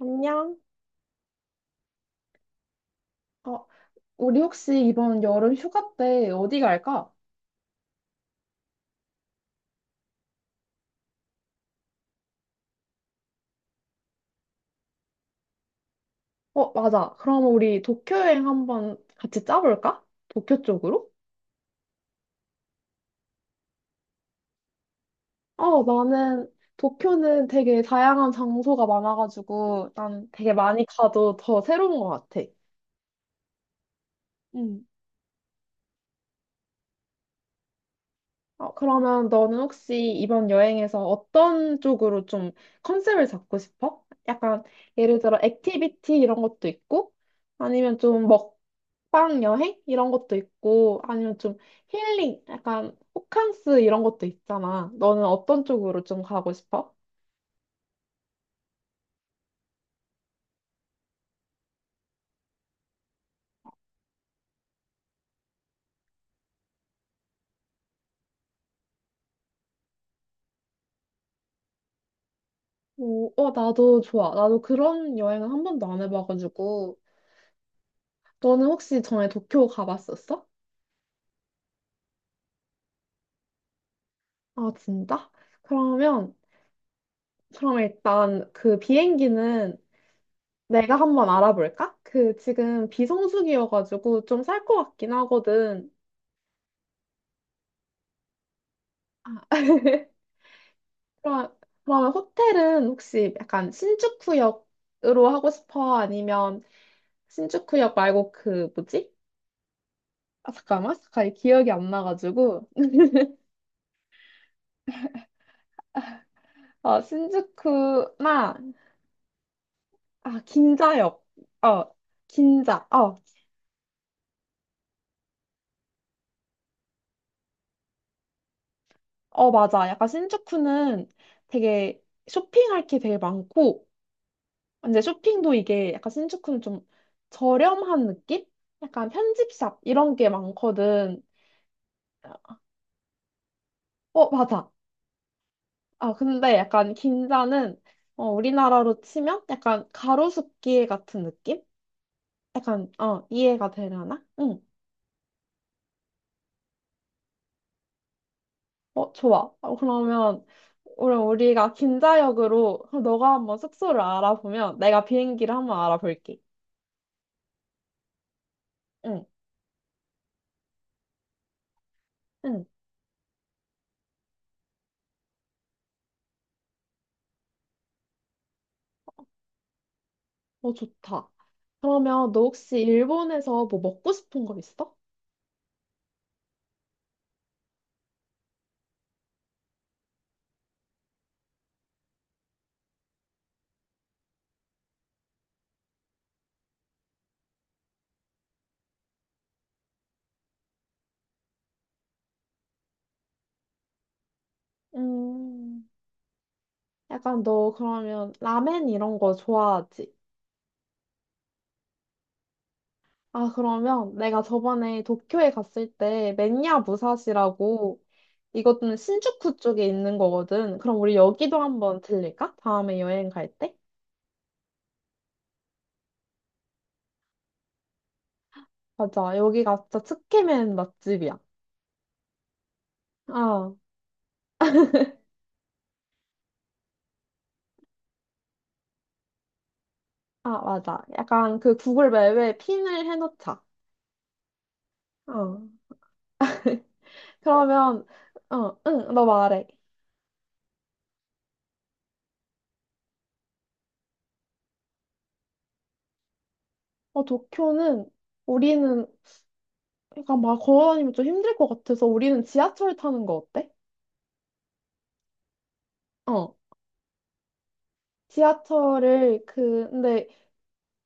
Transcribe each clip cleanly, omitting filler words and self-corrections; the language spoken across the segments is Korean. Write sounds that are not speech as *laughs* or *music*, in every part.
안녕? 어, 우리 혹시 이번 여름 휴가 때 어디 갈까? 어, 맞아. 그럼 우리 도쿄 여행 한번 같이 짜볼까? 도쿄 쪽으로? 어, 나는 도쿄는 되게 다양한 장소가 많아가지고 난 되게 많이 가도 더 새로운 것 같아. 응. 어, 그러면 너는 혹시 이번 여행에서 어떤 쪽으로 좀 컨셉을 잡고 싶어? 약간 예를 들어 액티비티 이런 것도 있고 아니면 좀 먹방 여행 이런 것도 있고 아니면 좀 힐링 약간 호캉스 이런 것도 있잖아. 너는 어떤 쪽으로 좀 가고 싶어? 오, 어, 나도 좋아. 나도 그런 여행은 한 번도 안 해봐가지고. 너는 혹시 전에 도쿄 가봤었어? 아, 진짜? 그러면, 그럼 일단 그 비행기는 내가 한번 알아볼까? 그 지금 비성수기여가지고 좀 살 것 같긴 하거든. 아, *laughs* 그럼- 그러면 호텔은 혹시 약간 신주쿠역으로 하고 싶어? 아니면 신주쿠역 말고 그 뭐지? 아, 잠깐만, 잠깐 기억이 안 나가지고. 어, 신주쿠나 아 긴자역. 어, 긴자. 어, 어 맞아. 약간 신주쿠는 되게 쇼핑할 게 되게 많고. 근데 쇼핑도 이게 약간 신주쿠는 좀 저렴한 느낌? 약간 편집샵 이런 게 많거든. 어, 맞아. 아, 근데 약간 긴자는 어, 우리나라로 치면 약간 가로수길 같은 느낌? 약간 어, 이해가 되려나? 응. 어, 좋아. 어, 그러면 우리가 긴자역으로 그럼 너가 한번 숙소를 알아보면 내가 비행기를 한번 알아볼게. 응. 응. 어, 좋다. 그러면 너 혹시 일본에서 뭐 먹고 싶은 거 있어? 음, 약간 너 그러면 라멘 이런 거 좋아하지? 아, 그러면 내가 저번에 도쿄에 갔을 때 맨야 무사시라고 이것은 신주쿠 쪽에 있는 거거든. 그럼 우리 여기도 한번 들릴까? 다음에 여행 갈 때? 맞아. 여기가 진짜 츠케멘 맛집이야. 어, 아, 맞아. 약간 그 구글 맵에 핀을 해놓자. 어. 그러면 어, 응, 너 말해. 어, 도쿄는 우리는 그러니까 막 걸어다니면 좀 힘들 것 같아서 우리는 지하철 타는 거 어때? 어, 지하철을 그 근데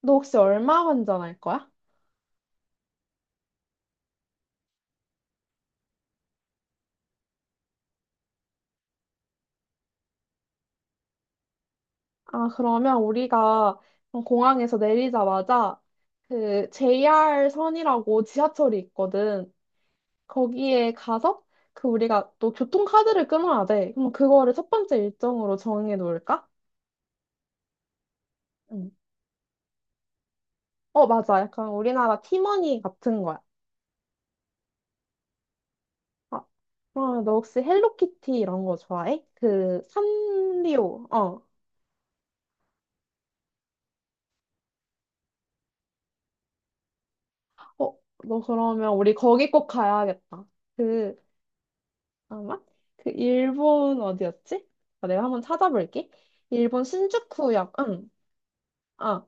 너 혹시 얼마 환전할 거야? 아, 그러면 우리가 공항에서 내리자마자 그 JR 선이라고 지하철이 있거든. 거기에 가서 그 우리가 또 교통카드를 끊어야 돼. 그럼 그거를 첫 번째 일정으로 정해 놓을까? 응. 어, 맞아. 약간 우리나라 티머니 같은 거야. 아, 어, 너 혹시 헬로키티 이런 거 좋아해? 그, 산리오. 어. 어, 너 그러면 우리 거기 꼭 가야겠다. 그, 아마? 그, 일본 어디였지? 아, 내가 한번 찾아볼게. 일본 신주쿠역, 응. 아,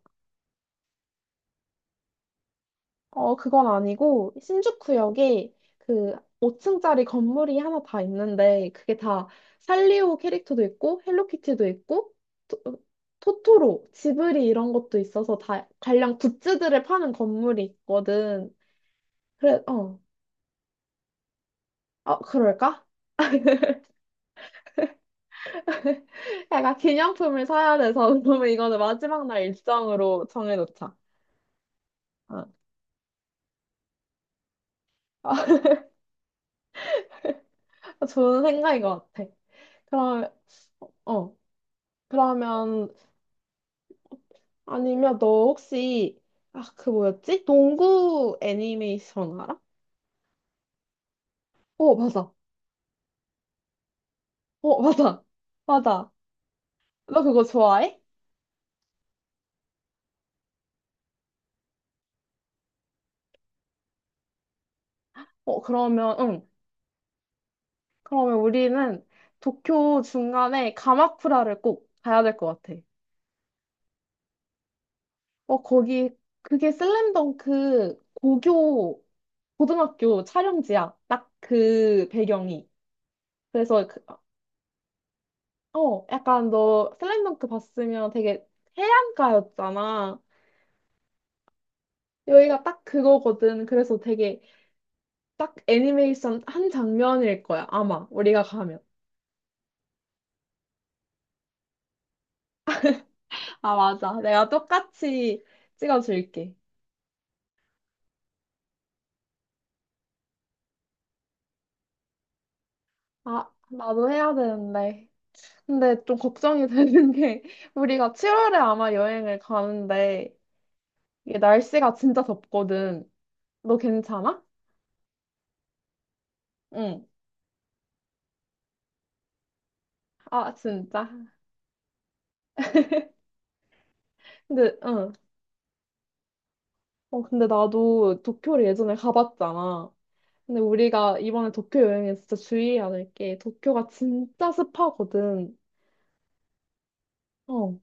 어, 그건 아니고, 신주쿠역에 그 5층짜리 건물이 하나 다 있는데, 그게 다 살리오 캐릭터도 있고, 헬로키티도 있고, 토, 토토로, 지브리 이런 것도 있어서 다 관련 굿즈들을 파는 건물이 있거든. 그래, 어, 어, 그럴까? *laughs* 약간 기념품을 사야 돼서, *laughs* 그러면 이거는 마지막 날 일정으로 정해놓자. 어. *laughs* 좋은 생각인 것 같아. 그럼, 어, 그러면 아니면 너 혹시 아, 그 뭐였지? 농구 애니메이션 알아? 어, 맞아. 어, 맞아. 맞아. 너 그거 좋아해? 어, 그러면 응. 그러면 우리는 도쿄 중간에 가마쿠라를 꼭 가야 될 것 같아. 어, 거기 그게 슬램덩크 고교 고등학교 촬영지야. 딱 그 배경이. 그래서 그, 어, 약간 너 슬램덩크 봤으면 되게 해안가였잖아. 여기가 딱 그거거든. 그래서 되게 딱 애니메이션 한 장면일 거야. 아마 우리가 가면. 아, 맞아. 내가 똑같이 찍어줄게. 아, 나도 해야 되는데. 근데 좀 걱정이 *laughs* 되는 게 우리가 7월에 아마 여행을 가는데 이게 날씨가 진짜 덥거든. 너 괜찮아? 응. 아, 진짜. 근데, 응. 어, 근데 나도 도쿄를 예전에 가봤잖아. 근데 우리가 이번에 도쿄 여행에 진짜 주의해야 될 게 도쿄가 진짜 습하거든. 어,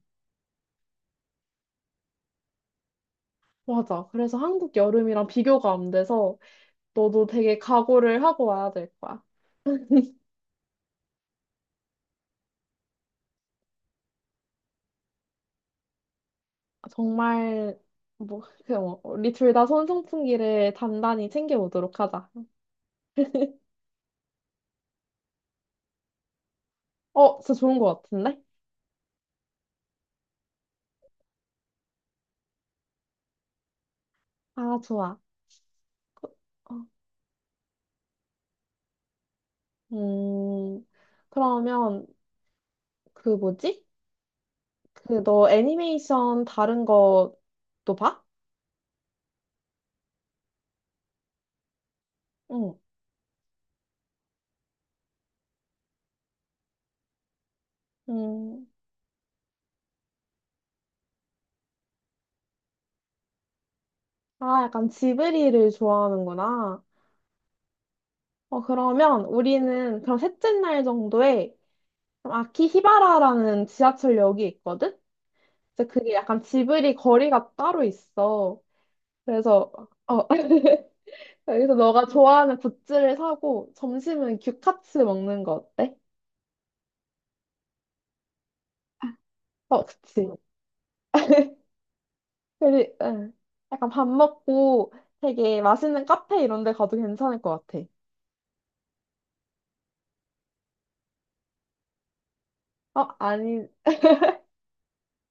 맞아. 그래서 한국 여름이랑 비교가 안 돼서 너도 되게 각오를 하고 와야 될 거야. 아, 정말 뭐 그냥 뭐 우리 둘 다 손선풍기를 단단히 챙겨오도록 하자. 어, 진짜 좋은 거 같은데? 아, 좋아. 그- 어, 음, 그러면 그 뭐지? 그 너 애니메이션 다른 것도 봐? 응. 음. 아, 약간 지브리를 좋아하는구나. 어, 그러면 우리는 그럼 셋째 날 정도에 그럼 아키히바라라는 지하철역이 있거든? 이제 그게 약간 지브리 거리가 따로 있어. 그래서, 어, *laughs* 여기서 너가 좋아하는 굿즈를 사고 점심은 규카츠 먹는 거 어때? 어, 그치. 응. 약간 밥 먹고 되게 맛있는 카페 이런 데 가도 괜찮을 것 같아. 어, 아니,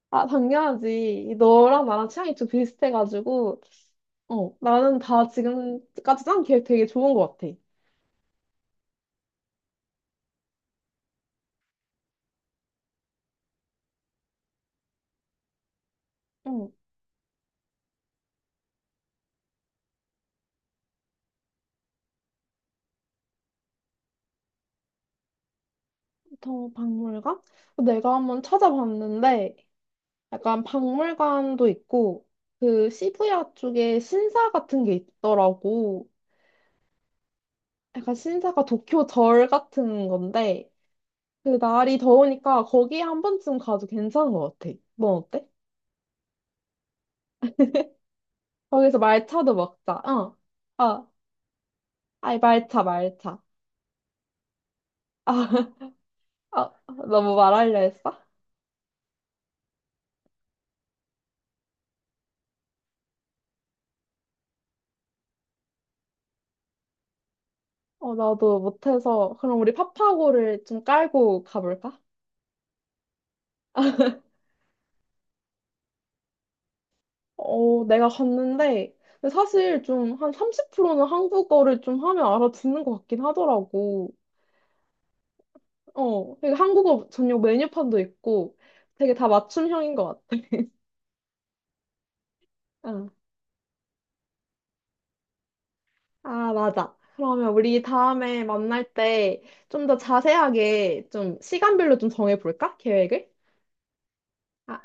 아, 당연하지. 너랑 나랑 취향이 좀 비슷해가지고. 어, 나는 다 지금까지 짠 계획 되게 좋은 것 같아. 어, 더 박물관? 내가 한번 찾아봤는데, 약간 박물관도 있고, 그 시부야 쪽에 신사 같은 게 있더라고. 약간 신사가 도쿄 절 같은 건데, 그 날이 더우니까 거기에 한 번쯤 가도 괜찮은 것 같아. 넌 어때? 거기서 말차도 먹자. 어. 아, 아이, 말차, 말차. 아, *laughs* 아, 너뭐 말하려 했어? 어, 나도 못해서. 그럼 우리 파파고를 좀 깔고 가볼까? 어, 내가 갔는데, 근데 사실 좀 한 30%는 한국어를 좀 하면 알아듣는 것 같긴 하더라고. 어, 되게 한국어 전용 메뉴판도 있고, 되게 다 맞춤형인 것 같아. 응. 아, 맞아. 그러면 우리 다음에 만날 때 좀 더 자세하게 좀 시간별로 좀 정해볼까? 계획을? 아,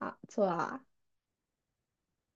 아, 좋아.